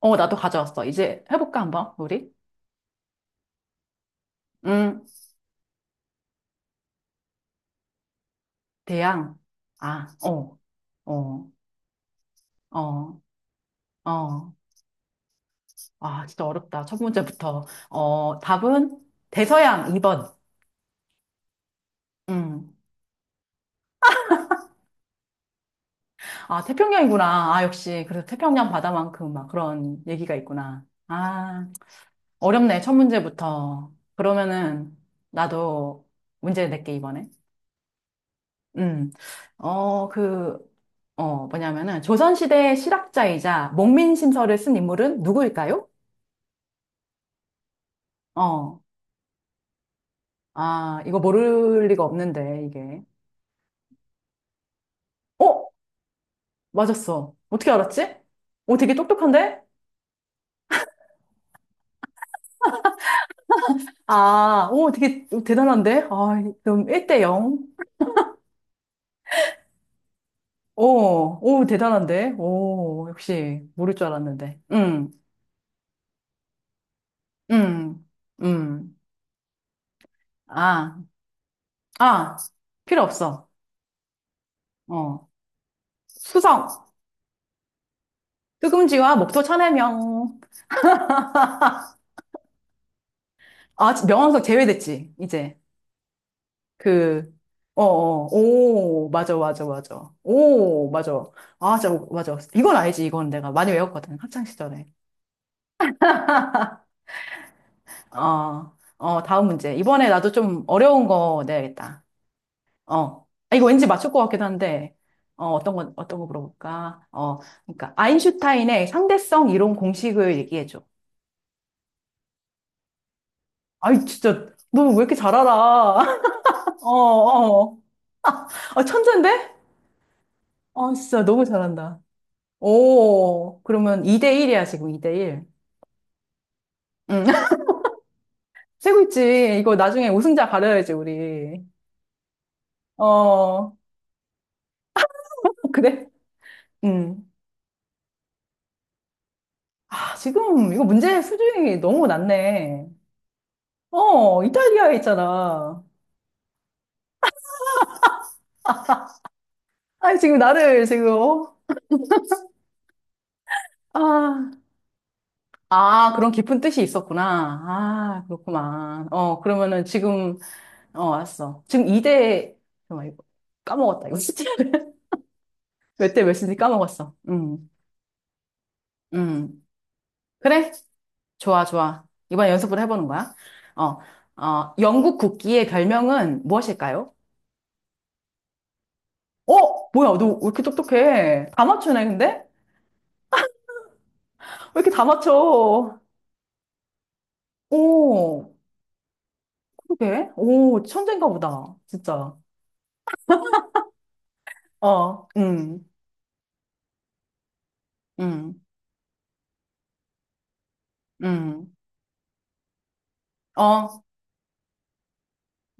나도 가져왔어. 이제 해볼까, 한번, 우리? 음, 대양. 아, 어, 어, 어, 어. 아, 진짜 어렵다. 첫 문제부터. 어, 답은 대서양 2번. 음. 아, 태평양이구나. 아, 역시. 그래서 태평양 바다만큼 막 그런 얘기가 있구나. 아, 어렵네. 첫 문제부터. 그러면은, 나도 문제 낼게, 이번에. 음, 어, 그, 뭐냐면은, 조선시대의 실학자이자 목민심서를 쓴 인물은 누구일까요? 어, 아, 이거 모를 리가 없는데, 이게. 어? 맞았어. 어떻게 알았지? 오, 되게 똑똑한데? 아, 오, 되게 대단한데? 아, 그럼 1대 0. 오, 오, 대단한데? 오, 역시, 모를 줄 알았는데. 음, 음. 아, 아, 필요 없어. 어, 수성. 뜨금지와 목토 천해명. 아, 명왕석 제외됐지, 이제. 그, 어, 오, 맞아, 맞아, 맞아. 오, 맞아. 아, 진짜, 맞아. 이건 알지, 이건 내가 많이 외웠거든, 학창시절에. 어, 어, 다음 문제. 이번에 나도 좀 어려운 거 내야겠다. 어. 아, 이거 왠지 맞출 것 같기도 한데, 어떤 거, 어떤 거 물어볼까? 그러니까, 아인슈타인의 상대성 이론 공식을 얘기해줘. 아이, 진짜, 너 왜 이렇게 잘 알아? 어, 어. 아, 천재인데? 어, 진짜 너무 잘한다. 오, 그러면 2대1이야, 지금 2대1. 응. 세고 있지. 이거 나중에 우승자 가려야지, 우리. 어, 아, 그래? 응. 아, 지금 이거 문제 수준이 너무 낮네. 어, 이탈리아에 있잖아. 아, 지금 나를 지금, 어? 아, 아, 그런 깊은 뜻이 있었구나. 아, 그렇구만. 그러면은 지금 알았어. 지금 2대, 잠깐만, 이거 까먹었다. 이거 진짜. 몇 대 몇인지 까먹었어. 음. 그래? 좋아, 좋아. 이번에 연습을 해보는 거야. 어, 영국 국기의 별명은 무엇일까요? 어? 뭐야, 너 왜 이렇게 똑똑해? 다 맞추네, 근데? 왜 이렇게 다 맞춰? 오, 그러게. 오, 천재인가 보다. 진짜. 어, 음, 음, 어,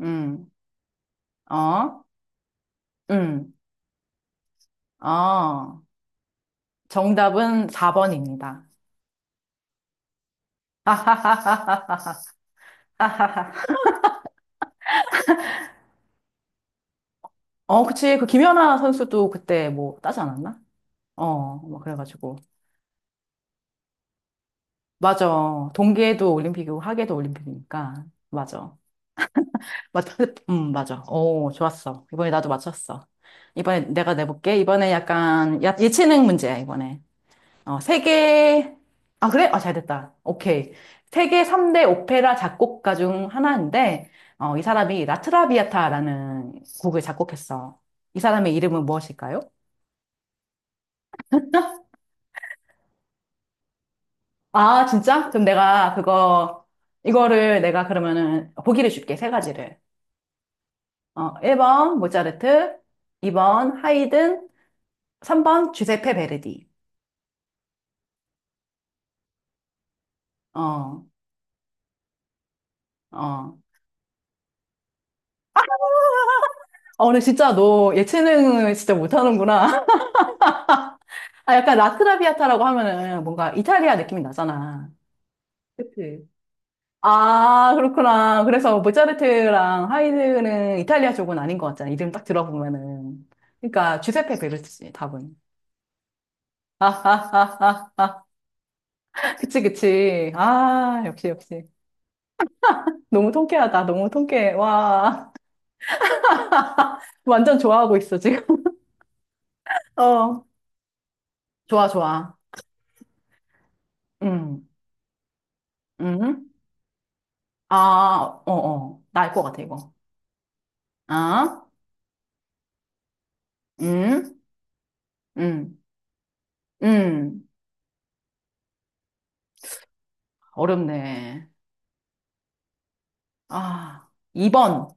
음, 어, 음, 어. 정답은 4번입니다. 어, 그치. 그 김연아 선수도 그때 뭐 따지 않았나? 뭐 그래가지고. 맞아. 동계도 올림픽이고 하계도 올림픽이니까. 맞아. 맞아. 맞아. 오, 좋았어. 이번에 나도 맞췄어. 이번에 내가 내볼게. 이번에 약간 예체능 문제야, 이번에. 세계, 아, 그래? 아, 잘 됐다. 오케이. 세계 3대 오페라 작곡가 중 하나인데, 이 사람이 라트라비아타라는 곡을 작곡했어. 이 사람의 이름은 무엇일까요? 아, 진짜? 그럼 내가 그거, 이거를 내가 그러면은 보기를 줄게, 세 가지를. 1번 모차르트, 2번 하이든, 3번 주세페 베르디. 어, 어. 근데 진짜 너 예체능을 진짜 못하는구나. 아, 약간 라크라비아타라고 하면은 뭔가 이탈리아 느낌이 나잖아. 그치? 아, 그렇구나. 그래서 모차르트랑 하이드는 이탈리아 쪽은 아닌 것 같잖아. 이름 딱 들어보면은. 그러니까 주세페 베르투지, 답은. 아, 아, 아, 아, 아. 그치, 그치. 아, 역시, 역시. 너무 통쾌하다. 너무 통쾌해. 와, 완전 좋아하고 있어, 지금. 어, 좋아, 좋아. 음, 음. 아, 나 알 것 같아, 이거. 아, 음, 음, 음. 어렵네. 아, 2번.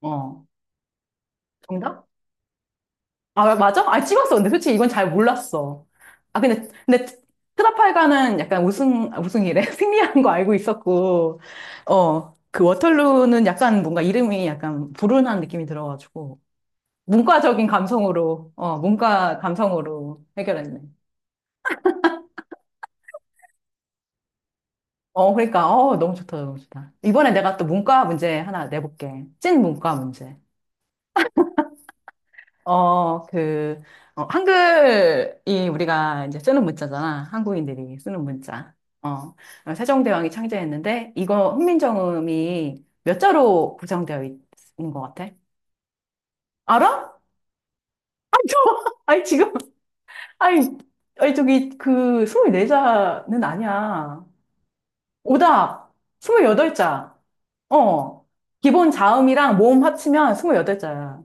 어, 정답? 아, 맞아? 아, 찍었어. 근데 솔직히 이건 잘 몰랐어. 아, 트라팔가는 약간 우승, 아, 우승이래. 승리한 거 알고 있었고, 그 워털루는 약간 뭔가 이름이 약간 불운한 느낌이 들어가지고, 문과적인 감성으로, 문과 감성으로 해결했네. 어, 그러니까, 너무 좋다, 너무 좋다. 이번에 내가 또 문과 문제 하나 내볼게. 찐 문과 문제. 어, 그, 한글이 우리가 이제 쓰는 문자잖아. 한국인들이 쓰는 문자. 어, 세종대왕이 창제했는데, 이거 훈민정음이 몇 자로 구성되어 있는 것 같아? 알아? 아니, 지금, 아니, 아니, 저기, 그, 24자는 아니야. 오답, 28자. 어, 기본 자음이랑 모음 합치면 28자야.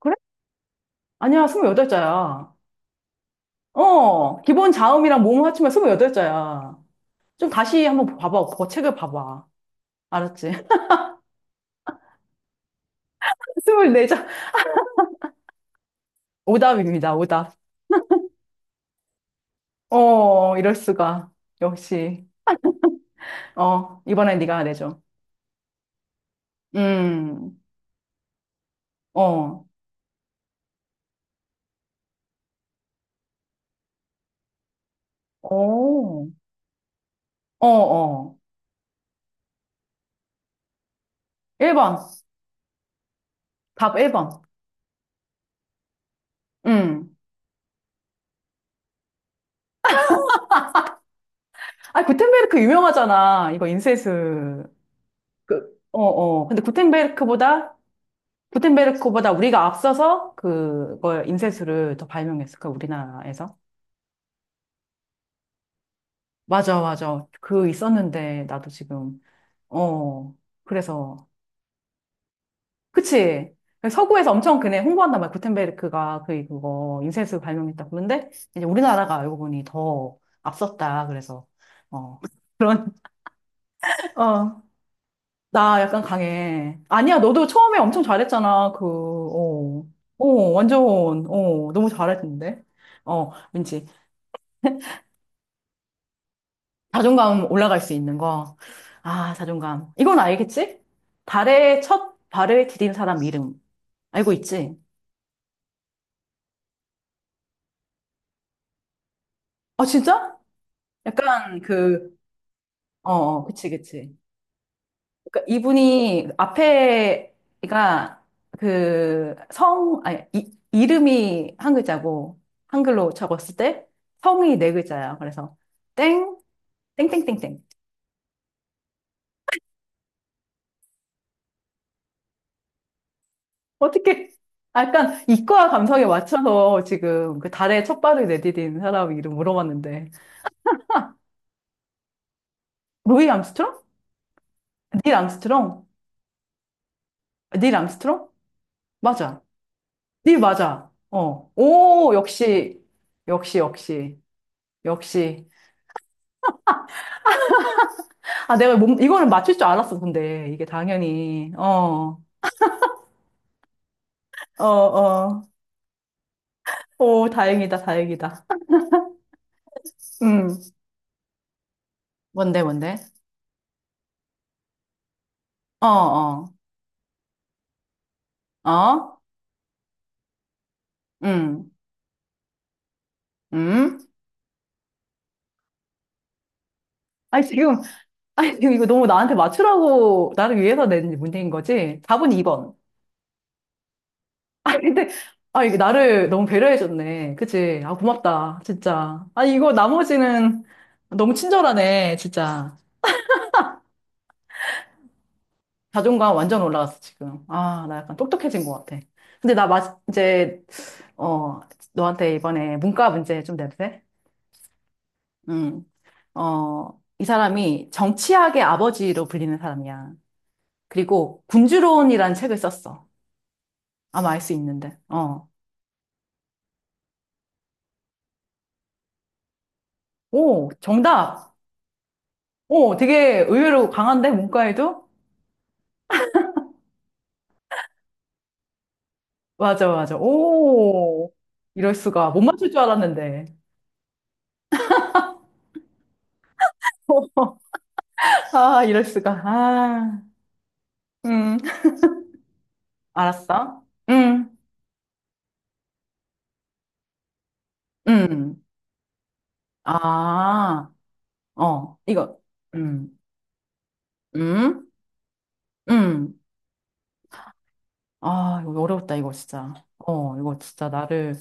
그래? 아니야, 28자야. 기본 자음이랑 모음 합치면 28자야. 좀 다시 한번 봐봐. 그거 책을 봐봐. 알았지? 24장. 오답입니다. 오답. 어, 이럴 수가. 역시. 어, 이번엔 네가 내줘. 음. 어. 어. 어, 어. 1번. 답 1번. 음. 아, 구텐베르크 유명하잖아. 이거 인쇄술. 근데 구텐베르크보다 우리가 앞서서 그걸 인쇄술을 더 발명했을까 우리나라에서? 맞아, 맞아. 그 있었는데 나도 지금 어, 그래서, 그치. 서구에서 엄청 그네 홍보한단 말이야. 구텐베르크가 그, 그거, 인쇄술 발명했다고. 그런데 이제 우리나라가 알고 보니 더 앞섰다. 어, 그런, 어, 나 약간 강해. 아니야, 너도 처음에 엄청 잘했잖아. 어, 완전, 너무 잘했는데. 어, 왠지 자존감 올라갈 수 있는 거. 아, 자존감. 이건 알겠지? 달에 첫 발을 디딘 사람 이름. 알고 있지? 아, 진짜? 약간 그, 어, 어, 그치, 그치. 그러니까 이분이 앞에가 그 성, 아니, 이름이 한 글자고, 한글로 적었을 때 성이 네 글자야. 그래서 땡, 땡땡땡땡. 어떻게, 아, 약간 이과 감성에 맞춰서 지금 그 달에 첫 발을 내디딘 사람 이름 물어봤는데. 루이 암스트롱? 닐 암스트롱? 아, 닐 암스트롱? 맞아. 닐 맞아. 어. 오, 역시, 역시, 역시. 역시. 아, 내가 몸, 이거는 맞출 줄 알았어, 근데. 이게 당연히. 어, 어, 어. 오, 다행이다, 다행이다. 음. 뭔데, 뭔데? 어, 어, 어? 음, 음? 아니, 지금, 아니, 지금 이거 너무 나한테 맞추라고, 나를 위해서 낸 문제인 거지? 답은 2번. 아, 근데, 아, 이게 나를 너무 배려해줬네. 그치? 아, 고맙다. 진짜. 아, 이거 나머지는 너무 친절하네, 진짜. 자존감 완전 올라갔어, 지금. 아, 나 약간 똑똑해진 것 같아. 근데 나 마, 이제, 어, 너한테 이번에 문과 문제 좀 내도 돼? 음. 이 사람이 정치학의 아버지로 불리는 사람이야. 그리고 군주론이라는 책을 썼어. 아마 알 수 있는데. 어. 오, 정답! 오, 되게 의외로 강한데, 문과에도? 맞아, 맞아. 오, 이럴 수가. 못 맞출 줄 알았는데. 아, 이럴 수가. 아, 음, 알았어. 음. 음, 아, 어, 이거, 음, 음, 음, 아, 이거 어려웠다, 이거 진짜. 어, 이거 진짜 나를,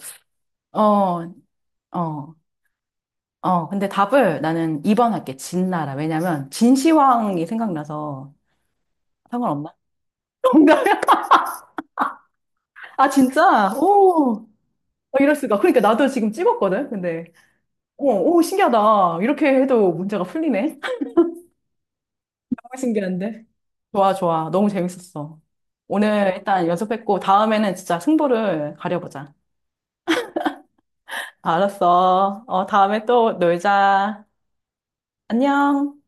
어, 어, 어, 근데 답을 나는 2번 할게, 진나라. 왜냐면, 진시황이 생각나서 상관없나? 뭔가, 아, 진짜? 오, 어, 이럴 수가. 그러니까 나도 지금 찍었거든, 근데. 어, 오, 신기하다. 이렇게 해도 문제가 풀리네. 정말 신기한데? 좋아, 좋아. 너무 재밌었어. 오늘 일단 연습했고, 다음에는 진짜 승부를 가려보자. 알았어. 어, 다음에 또 놀자. 안녕.